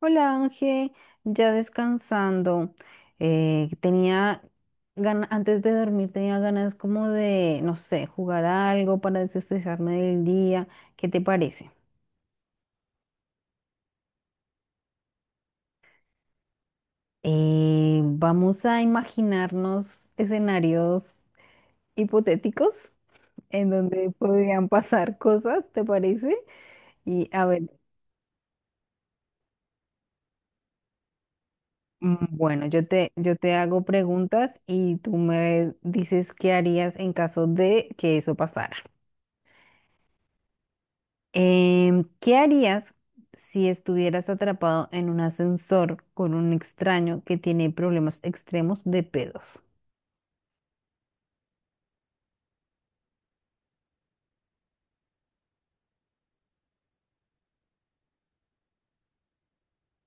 Hola Ángel, ya descansando. Tenía ganas, antes de dormir tenía ganas como de, no sé, jugar algo para desestresarme del día. ¿Qué te parece? Vamos a imaginarnos escenarios hipotéticos en donde podrían pasar cosas, ¿te parece? Y a ver, mm, bueno, yo te hago preguntas y tú me dices qué harías en caso de que eso pasara. ¿Qué harías si estuvieras atrapado en un ascensor con un extraño que tiene problemas extremos de pedos?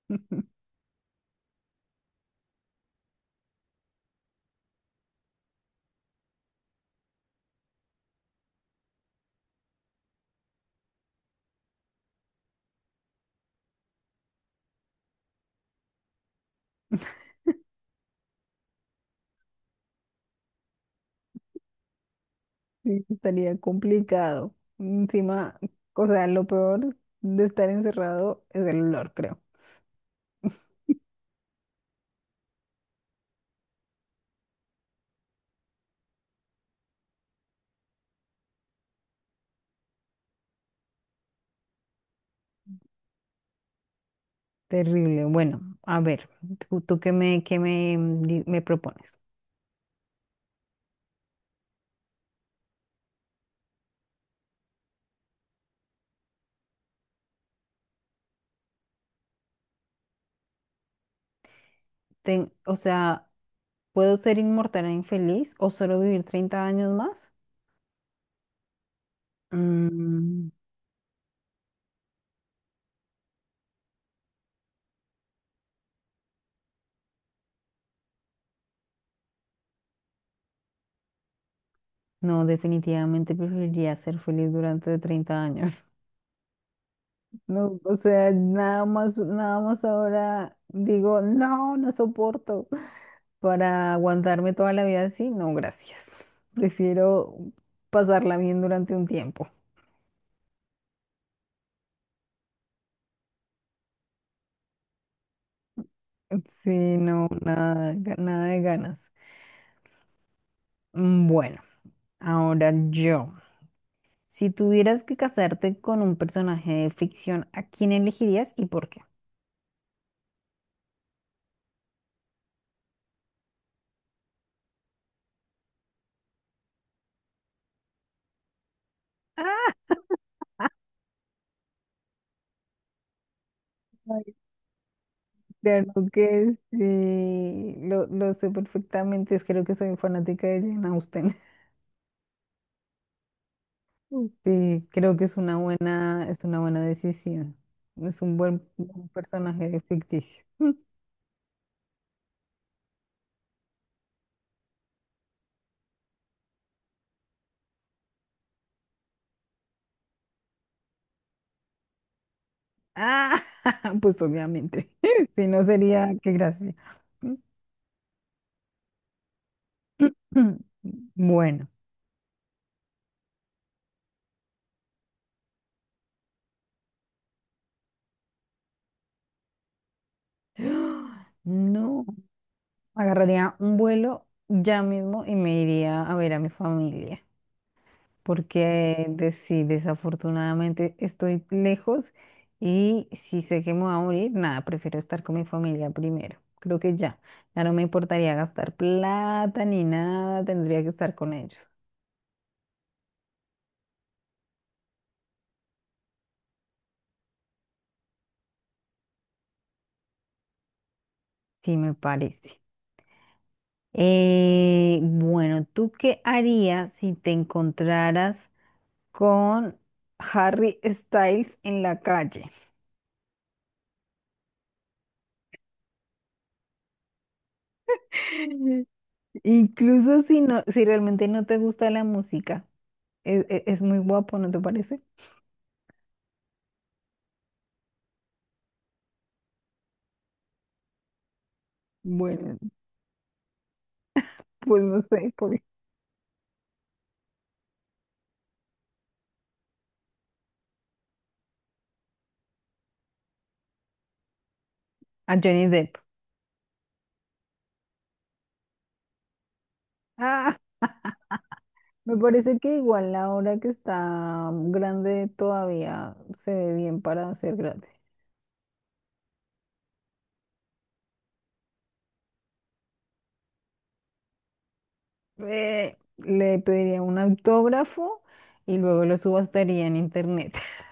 Sí, estaría complicado. Encima, o sea, lo peor de estar encerrado es el olor, creo. Terrible. Bueno, a ver, ¿tú qué me, mm, di- ¿me propones? O sea, ¿puedo ser inmortal e infeliz o solo vivir 30 años más? Mm, no, definitivamente preferiría ser feliz durante 30 años. No, o sea, nada más, nada más ahora digo, no, no soporto. Para aguantarme toda la vida así, no, gracias. Prefiero pasarla bien durante un tiempo. Sí, no, nada, nada de ganas. Mm, bueno, ahora yo. Si tuvieras que casarte con un personaje de ficción, ¿a quién elegirías y por qué? Claro que sí, lo sé perfectamente, es creo que soy fanática de Jane Austen. Mm. Sí, creo que es una es una buena decisión. Es un buen personaje ficticio. Mm. Ah, pues obviamente. Si no, sería qué gracia. Bueno, no, agarraría un vuelo ya mismo y me iría a ver a mi familia, porque sí, desafortunadamente estoy lejos y si sé que me voy a morir, nada, prefiero estar con mi familia primero. Creo que ya no me importaría gastar plata ni nada, tendría que estar con ellos. Sí, me parece. Bueno, ¿tú qué harías si te encontraras con Harry Styles en la calle? Incluso si realmente no te gusta la música, es muy guapo, ¿no te parece? Bueno, pues no sé, por a Johnny Depp. Ah, me parece que igual ahora que está grande todavía se ve bien para ser grande. Le pediría un autógrafo y luego lo subastaría en internet.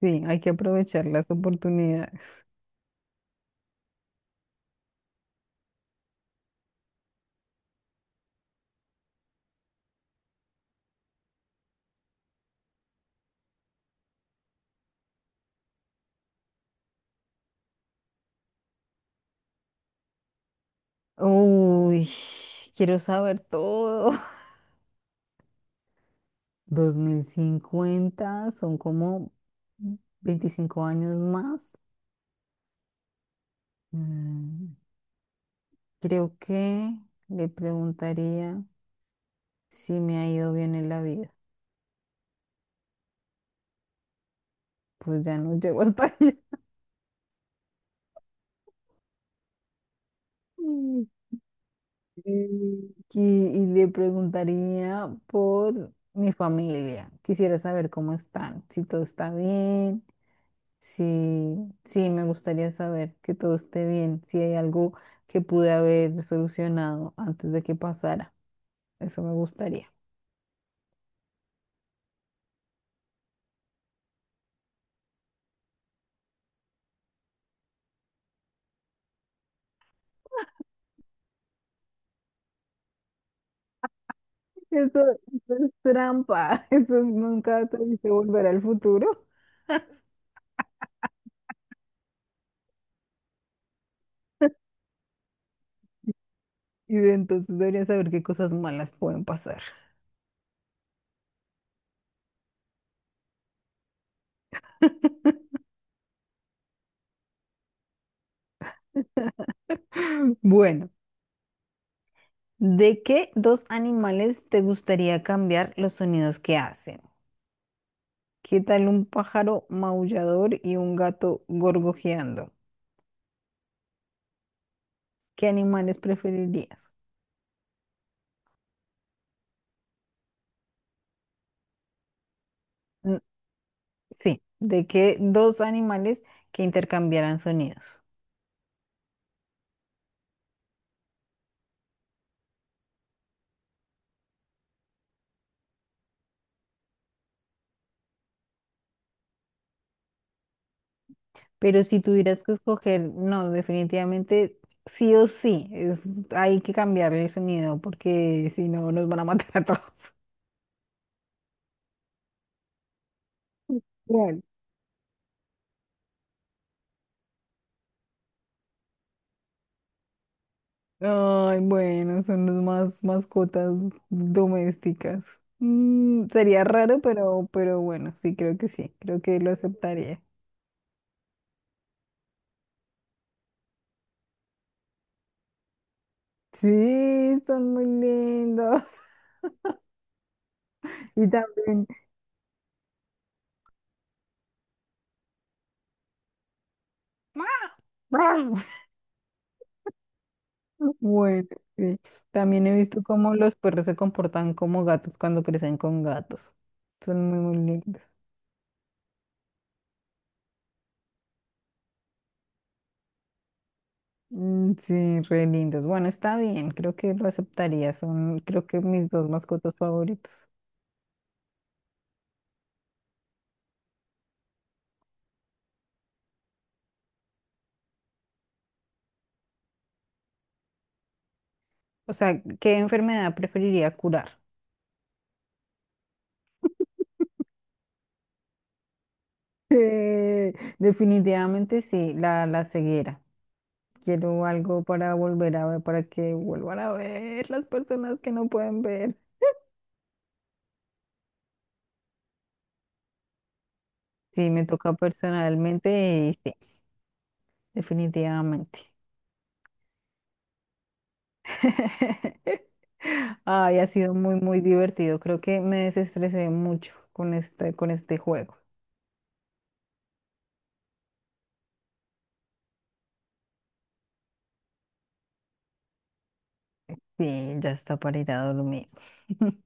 Sí, hay que aprovechar las oportunidades. Uy, quiero saber todo. 2050 son como 25 años más. Mm. Creo que le preguntaría si me ha ido bien en la vida. Pues ya no llego hasta allá. Mm. Y le preguntaría por mi familia. Quisiera saber cómo están, si todo está bien, si, sí, me gustaría saber que todo esté bien, si hay algo que pude haber solucionado antes de que pasara. Eso me gustaría. Eso, eso es trampa. Eso es, nunca te dice, volver al futuro. Y entonces debería saber qué cosas malas pueden pasar. Bueno, ¿de qué dos animales te gustaría cambiar los sonidos que hacen? ¿Qué tal un pájaro maullador y un gato gorgojeando? ¿Qué animales preferirías? Mm, sí, ¿de qué dos animales que intercambiaran sonidos? Pero si tuvieras que escoger, no, definitivamente sí o sí, hay que cambiarle el sonido porque si no nos van a matar a todos. Claro. Ay, bueno, son los más mascotas domésticas. Mm, sería raro, pero bueno, sí, creo que lo aceptaría. Sí, son muy lindos. Y también, bueno, sí, también he visto cómo los perros se comportan como gatos cuando crecen con gatos. Son muy, muy lindos. Mm, sí, re lindos. Bueno, está bien, creo que lo aceptaría. Son, creo que, mis dos mascotas favoritas. O sea, ¿qué enfermedad preferiría curar? Eh, Definitivamente sí, la ceguera. Quiero algo para volver a ver, para que vuelvan a ver las personas que no pueden ver. Sí, me toca personalmente, y sí, definitivamente. Ay, ha sido muy, muy divertido. Creo que me desestresé mucho con con este juego. Sí, ya está para ir a dormir.